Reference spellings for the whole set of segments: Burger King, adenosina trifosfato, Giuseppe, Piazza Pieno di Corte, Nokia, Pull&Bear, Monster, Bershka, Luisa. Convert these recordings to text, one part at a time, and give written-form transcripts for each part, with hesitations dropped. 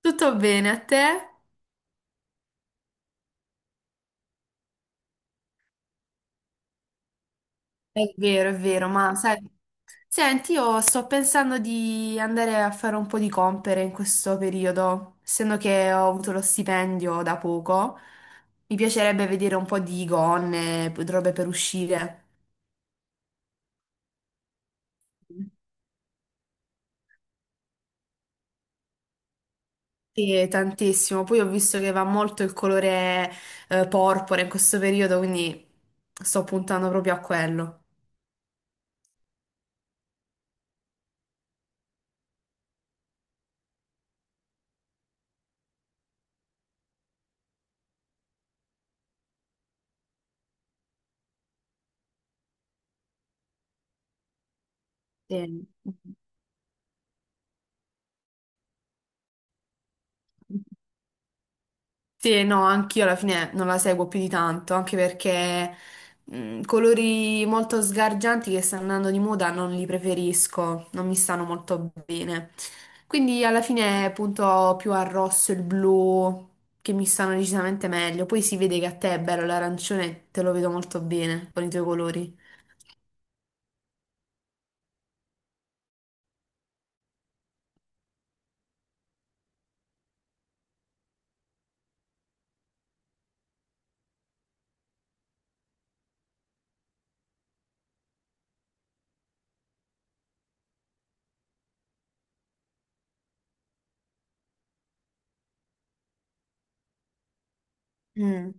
Tutto bene a te? È vero, ma sai, senti, io sto pensando di andare a fare un po' di compere in questo periodo, essendo che ho avuto lo stipendio da poco, mi piacerebbe vedere un po' di gonne, robe per uscire. Sì, tantissimo. Poi ho visto che va molto il colore porpora in questo periodo, quindi sto puntando proprio a quello. Sì. Sì, no, anch'io alla fine non la seguo più di tanto, anche perché colori molto sgargianti che stanno andando di moda non li preferisco, non mi stanno molto bene. Quindi alla fine punto più al rosso e il blu che mi stanno decisamente meglio. Poi si vede che a te è bello l'arancione, te lo vedo molto bene con i tuoi colori. Mm.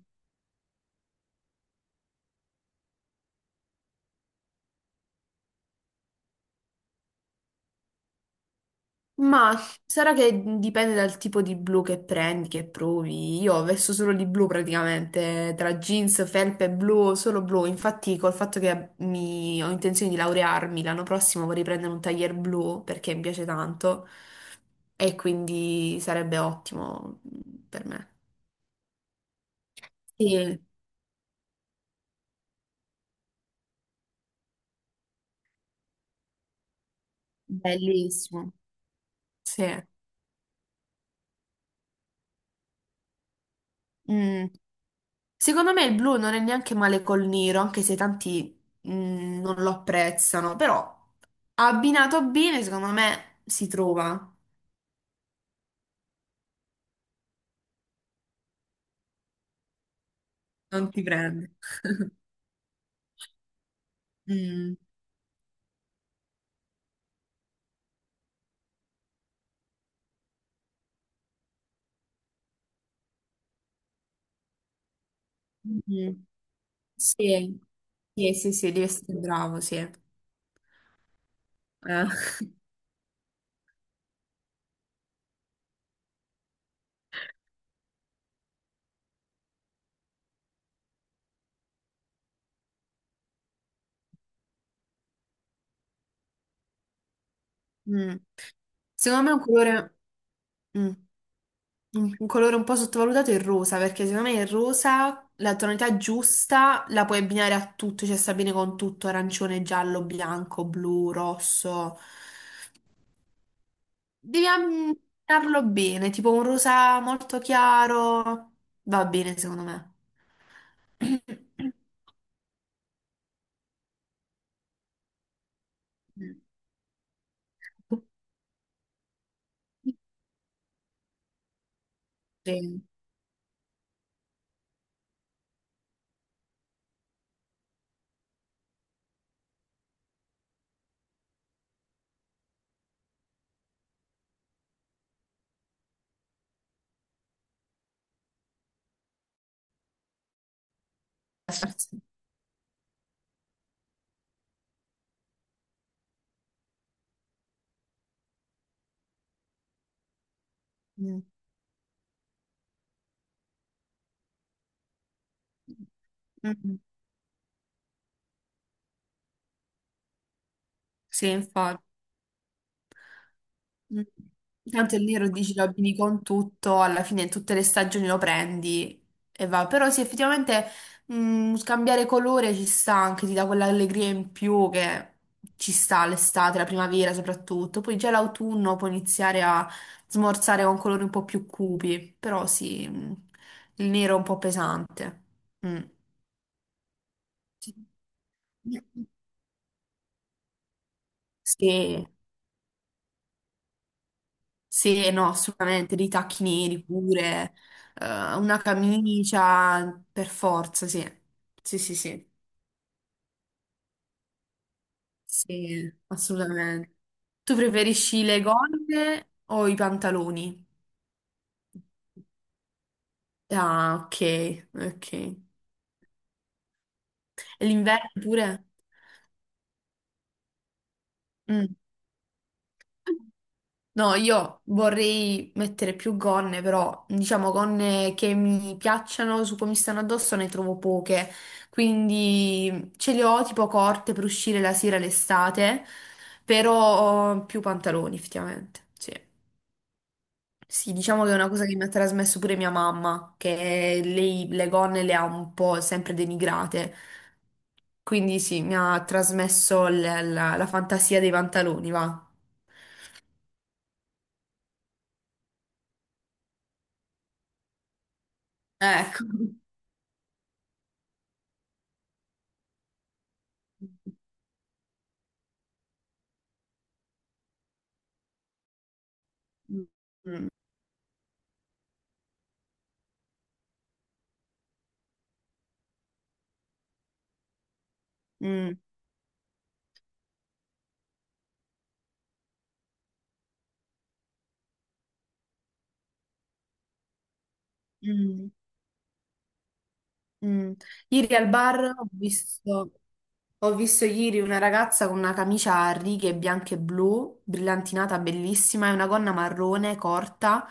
Ma sarà che dipende dal tipo di blu che prendi, che provi. Io ho vesto solo di blu praticamente, tra jeans, felpe, blu, solo blu. Infatti, col fatto che ho intenzione di laurearmi l'anno prossimo, vorrei prendere un taglier blu perché mi piace tanto e quindi sarebbe ottimo per me. Sì, bellissimo. Sì. Mm. Secondo me il blu non è neanche male col nero, anche se tanti non lo apprezzano, però. Abbinato bene, secondo me si trova, non ti prende. Mm. Mm. Sì. Sì, sì, sì, devi essere bravo, sì. Mm. Secondo me un colore, mm, un colore un po' sottovalutato è il rosa, perché secondo me il rosa, la tonalità giusta, la puoi abbinare a tutto, cioè sta bene con tutto, arancione, giallo, bianco, blu, rosso. Devi ammirarlo bene, tipo un rosa molto chiaro, va bene secondo me. Sì, sì. Mm. Sì, infatti. Mm. Tanto il nero dici lo abbini con tutto, alla fine in tutte le stagioni lo prendi e va. Però sì, effettivamente scambiare colore ci sta anche, ti dà quell'allegria in più che ci sta l'estate, la primavera soprattutto. Poi già l'autunno puoi iniziare a smorzare con colori un po' più cupi, però sì, il nero è un po' pesante. Mm. Sì. Sì. Sì, no, assolutamente, dei tacchi neri pure, una camicia, per forza, sì. Sì, sì, sì, sì, assolutamente. Tu preferisci le gonne o i pantaloni? Ah, ok, ok. E l'inverno pure? Mm. No, io vorrei mettere più gonne, però diciamo gonne che mi piacciono, su come mi stanno addosso ne trovo poche, quindi ce le ho tipo corte per uscire la sera l'estate, però ho più pantaloni effettivamente. Sì. Sì, diciamo che è una cosa che mi ha trasmesso pure mia mamma, che lei le gonne le ha un po' sempre denigrate, quindi sì, mi ha trasmesso la fantasia dei pantaloni, va. Ecco. Mm, mm, mm, mm. Ieri al bar ho visto ieri una ragazza con una camicia a righe bianche e blu, brillantinata, bellissima, e una gonna marrone corta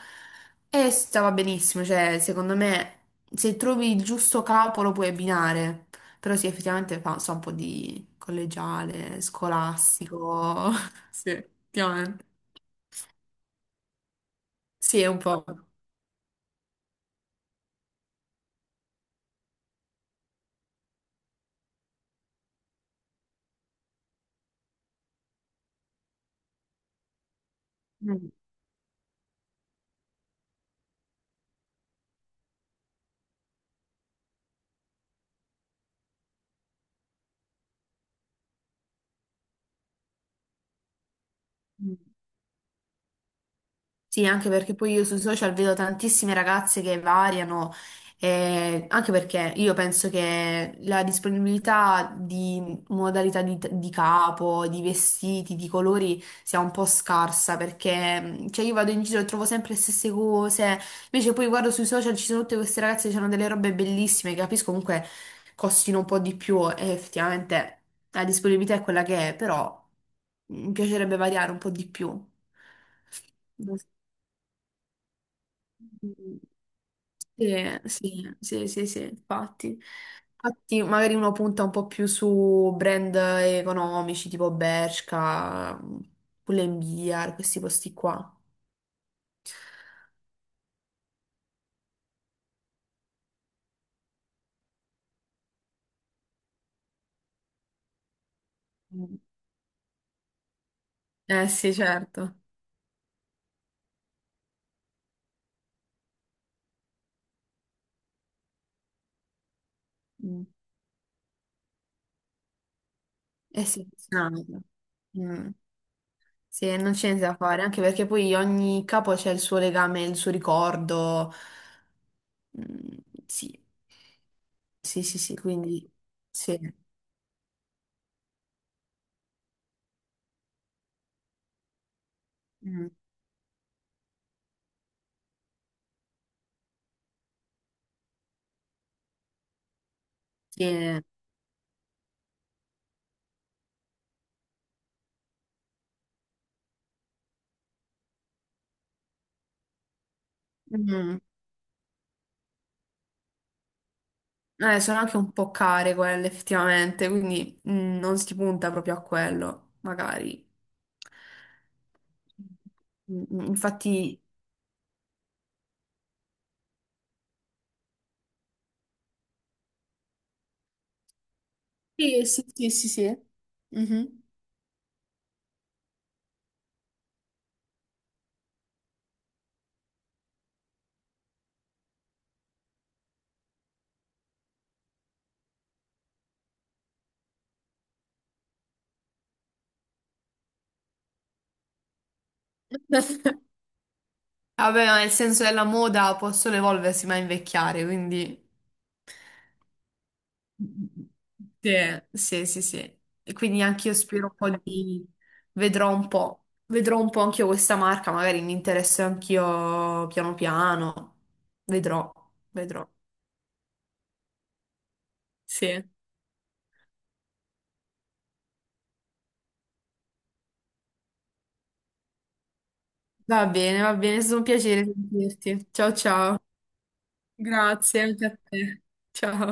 e stava benissimo. Cioè, secondo me, se trovi il giusto capo lo puoi abbinare. Però sì, effettivamente fa so, un po' di collegiale, scolastico. Sì, effettivamente. Sì, è un po'. Mm, mm. Sì, anche perché poi io sui social vedo tantissime ragazze che variano, anche perché io penso che la disponibilità di modalità di capo, di vestiti, di colori sia un po' scarsa, perché cioè, io vado in giro e trovo sempre le stesse cose, invece poi guardo sui social ci sono tutte queste ragazze che hanno delle robe bellissime, che capisco comunque costino un po' di più e effettivamente la disponibilità è quella che è, però mi piacerebbe variare un po' di più. Sì, sì, sì, sì, sì, infatti. Infatti, magari uno punta un po' più su brand economici tipo Bershka, Pull&Bear, questi posti qua. Mm. Eh sì, certo. Mm. Eh sì, funzionano. Mm. Sì, non c'è niente da fare, anche perché poi ogni capo c'è il suo legame, il suo ricordo. Mm, sì, sì, sì, sì, quindi sì. Mm. Sì. Mm. Sono anche un po' care quelle effettivamente, quindi non si punta proprio a quello, magari. Mm, mm, infatti, sì, sì, sì, sì, sì. Mhm. Vabbè, ma nel senso della moda possono evolversi ma invecchiare, quindi... Sì, sì, sì, sì. E quindi anche io spero un po' di... vedrò un po' anche io questa marca, magari mi interesso anch'io piano piano. Vedrò, vedrò. Sì. Va bene, è stato un piacere sentirti. Ciao ciao. Grazie anche a te. Ciao.